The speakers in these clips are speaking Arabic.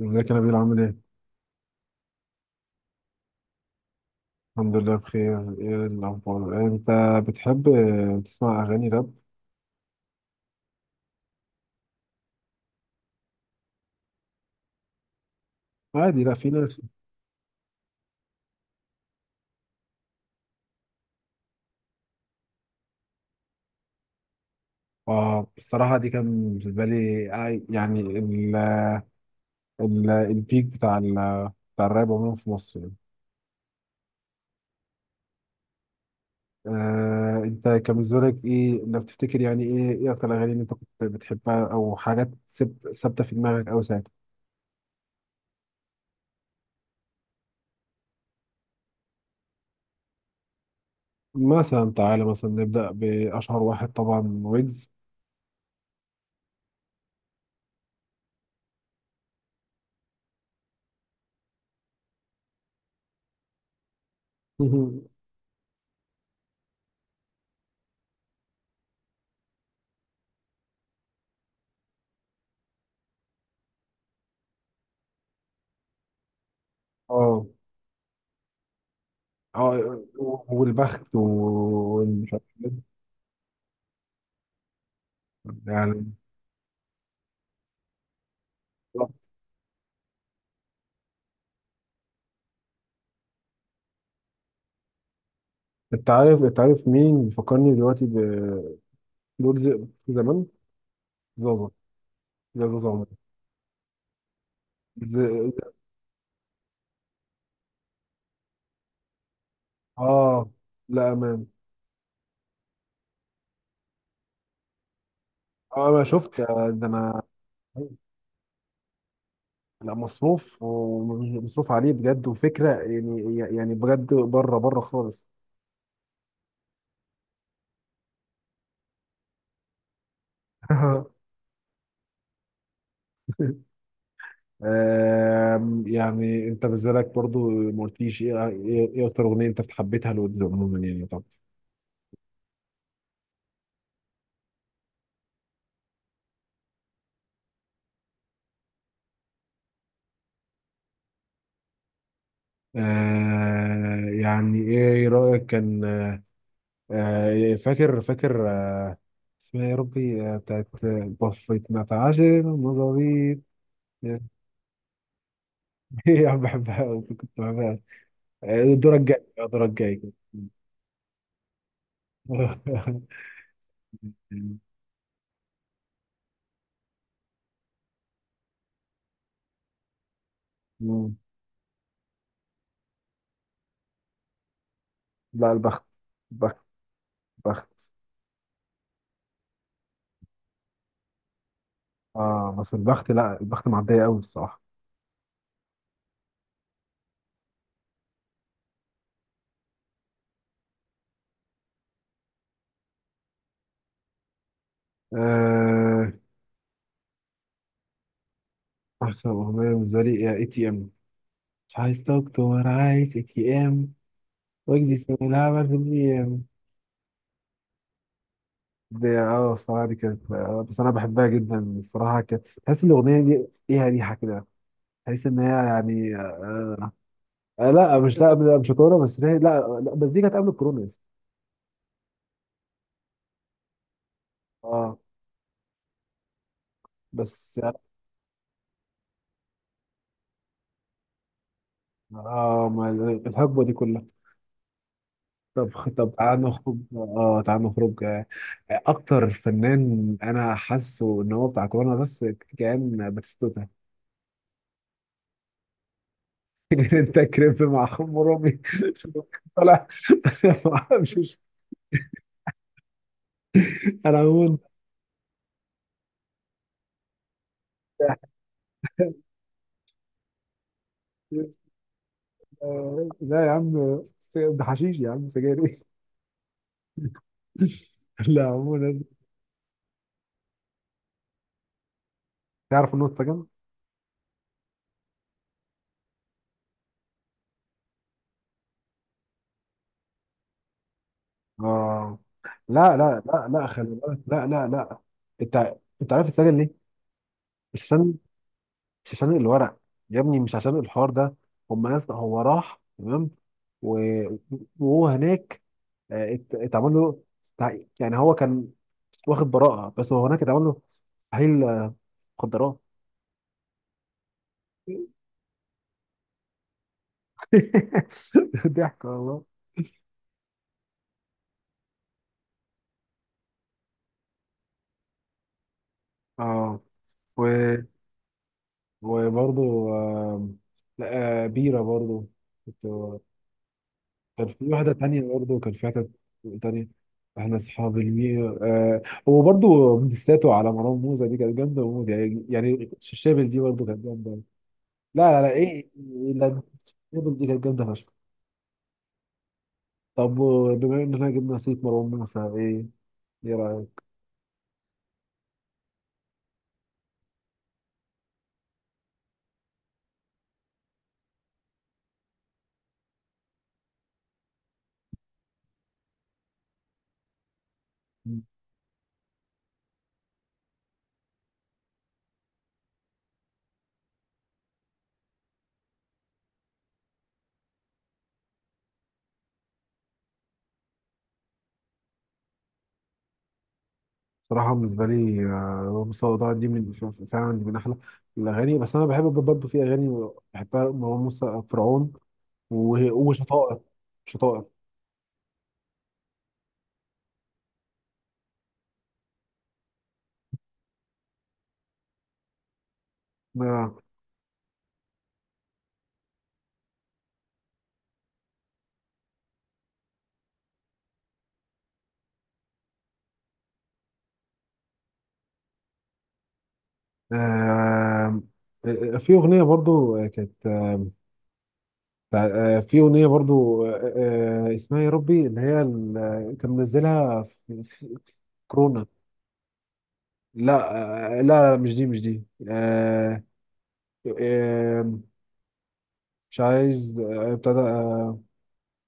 ازيك يا نبيل، عامل ايه؟ الحمد لله بخير، ايه الاخبار؟ انت بتحب تسمع اغاني راب؟ عادي، لا في ناس. اه الصراحة دي كان بالنسبة لي، يعني ال ال البيك بتاع بتاع الراب عموما في مصر يعني. انت كان بالنسبة لك ايه لو تفتكر، يعني ايه اكتر الاغاني اللي انت كنت بتحبها او حاجات ثابتة في دماغك او ساعتها؟ مثلا تعالى، مثلا نبدأ بأشهر واحد طبعا، ويجز. اه، اه، والبخت ومش عارف إيه. يعني انت عارف، مين بيفكرني دلوقتي، بلوجز زمان، زازا. يا زازا عمر. ز... اه، لا امان. اه، انا شفت، ده انا. لا، مصروف، ومصروف عليه بجد وفكره، يعني بجد، بره بره خالص. يعني انت بالنسبه لك برضو ما قلتليش ايه اكتر اغنيه انت حبيتها لويجز عموما، يعني طبعا. يعني ايه رأيك كان؟ فاكر فاكر، اسمها إيه يا ربي، بتاعت بفيت نتعاشر مظابيط. هي يعني بحبها أوي، كنت بحبها أوي. الدور الجاي، الدور الجاي. مم. لا البخت، بخت، بخت. اه بس البخت، لا البخت معدية قوي الصراحة. آه احسن اغنية بالنسبة لي اي تي ام. مش عايز دكتور، عايز اي تي ام. واجزي سنة العمل في الاي. دي اه الصراحة دي كانت، بس أنا بحبها جدا الصراحة. كانت تحس إن الأغنية دي ليها ريحة كده، تحس إن هي يعني. لا، مش، لا، مش كورونا بس، ليه- لا لا بس دي كانت قبل الكورونا يا اسطى. اه بس. اه ما ال- الحقبة دي كلها. طب تعال نخرج، اه تعال نخرج. أكتر فنان أنا حاسه إن هو بتاع كورونا بس كان باتيستوتا. انت كريب مع خمرمي طلع. ما اعرفش. انا عموما لا يا عم، ده حشيش يا عم، سجاير ايه؟ لا عموما. تعرف انه اتسجن؟ اه، لا لا لا لا، خلي بالك، لا لا لا. انت انت عارف اتسجن ليه؟ مش عشان مش عشان الورق يا ابني، مش عشان الحوار ده. هم ناس، هو راح تمام و... وهو هناك، اتعمل له، يعني هو كان واخد براءة، بس هو هناك اتعمل له تحليل، مخدرات. ضحك والله. اه و وبرضه. آم، لا، بيرة برضه. كنت- كان في واحدة تانية برضه، كان في حتة تانية، احنا اصحاب المية. هو برضه ديساته على مروان موسى دي كانت جامدة وموت، يعني الشابل دي برضه كانت جامدة. لا لا لا، ايه؟ لا الشابل دي كانت جامدة فشخ. طب، بما اننا جبنا سيرة مروان موسى، ايه رأيك؟ صراحة بالنسبة لي، مستوى ضاع دي من، فعلا دي من أحلى الأغاني. بس أنا بحب برضه في أغاني بحبها مروان موسى: فرعون، وشطائر. شطائر. آه. آه. في أغنية برضو كانت، في أغنية برضو، اسمها يا ربي، اللي هي كان منزلها في كورونا. لا، لا لا، مش دي، مش دي، آه، آه، مش عايز، ابتدى،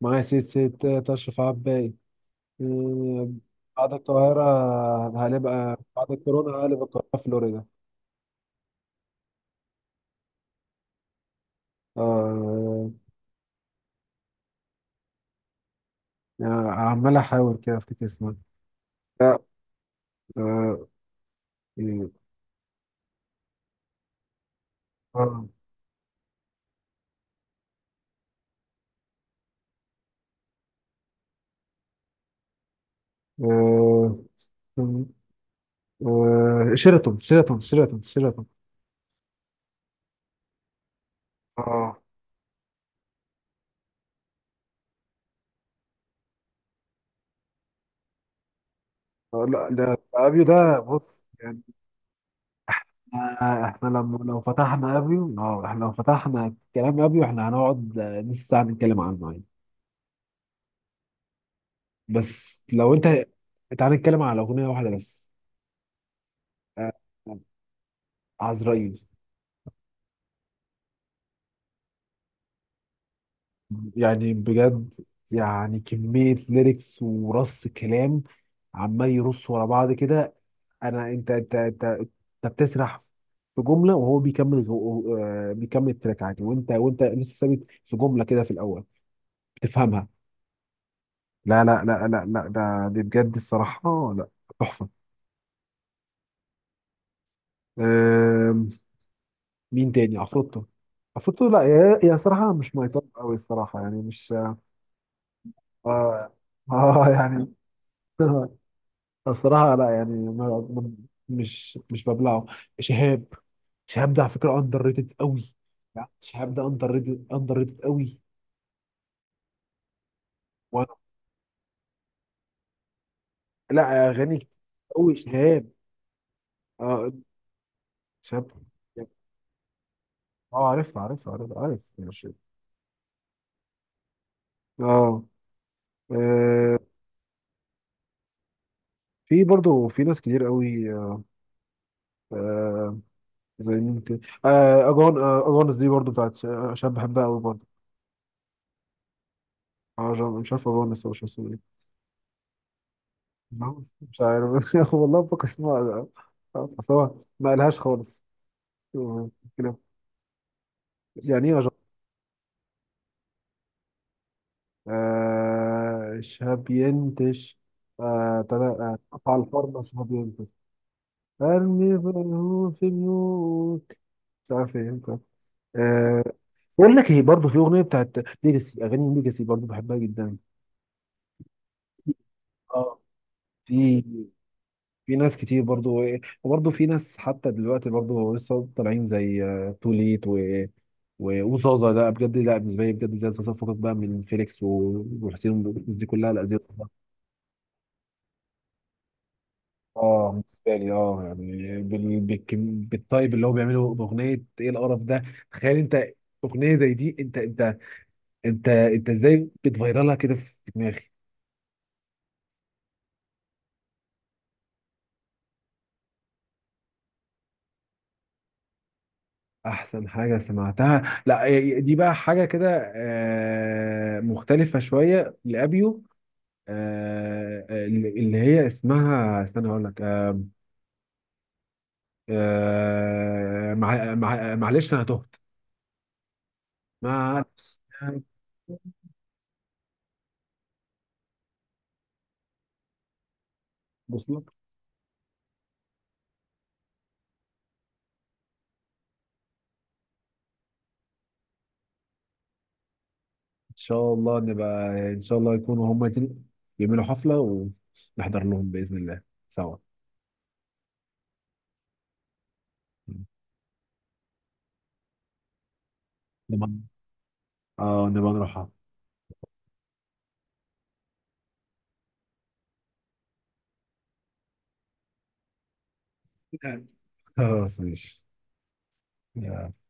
معايا ست ست، تشرف عباي، آه، بعد القاهرة، هنبقى بعد الكورونا هقلب القاهرة فلوريدا. آه، آه، عمال احاول كده افتكر اسمها. لا. آه إيه، آه آه شيراتون، شيراتون، شيراتون، شيراتون. اه لا، ده ابيو، ده بص يعني، احنا لما لو فتحنا ابيو، اه احنا لو فتحنا كلام ابيو، احنا هنقعد نص ساعة نتكلم عنه عادي. بس لو انت، تعال نتكلم على اغنية واحدة بس، آه، عزرائيل. يعني بجد، يعني كمية ليركس ورص كلام، عمال يرص ورا بعض كده. انا، انت بتسرح في جمله وهو بيكمل بيكمل التراك عادي، وانت لسه ثابت في جمله كده في الاول، بتفهمها. لا لا لا لا لا، ده دي بجد الصراحه لا، تحفه. آم، مين تاني؟ عفروتو. عفروتو لا، يا صراحه مش مايطاب قوي الصراحه، يعني مش، اه يعني. الصراحه لا، يعني مش ببلعه. شهاب. شهاب ده على فكره اندر ريتد قوي. لا شهاب ده اندر ريتد، اندر ريتد قوي. وانا. لا اغاني كتير قوي شهاب. اه شهاب. اه عارف عارف عارف عارف، ماشي. اه آه، في برضو في ناس كتير قوي، آه، زي مين تاني؟ اجونس دي برضو بتاعت شاب، بحبها قوي برضو. مش عارف اجونس، هو مش اسمه ايه؟ نعم. مش عارف. والله بفكر اسمها، اصل هو ما قالهاش خالص، آه، كده يعني ايه؟ شهاب ينتش، ابتدى، قطع الفرمة شهاب ينتش، ارمي بيوت في بيوت، مش عارف ايه انت. آه بقول لك ايه، برضه في اغنيه بتاعت ليجاسي، اغاني ليجاسي برضه بحبها جدا. اه في في ناس كتير برضه إيه، وبرضه في ناس حتى دلوقتي برضه لسه طالعين، زي توليت وزازا. لا بجد، لا بالنسبه لي بجد زي زازا، فكك بقى من فيليكس وحسين والناس دي كلها. لا زي، اه بالنسبه لي اه يعني بالطيب اللي هو بيعمله باغنيه، ايه القرف ده؟ تخيل انت اغنيه زي دي، انت ازاي بتفيرلها كده في دماغي. احسن حاجه سمعتها، لا ي- دي بقى حاجه كده، مختلفه شويه، لابيو، اللي هي اسمها، استنى اقول لك، معلش انا تهت، معلش أنا. بص. شاء الله نبقى ان شاء الله يكونوا هم يعملوا حفله ونحضر لهم باذن الله سوا، نبقى اه نبقى نروحها. خلاص ماشي، يا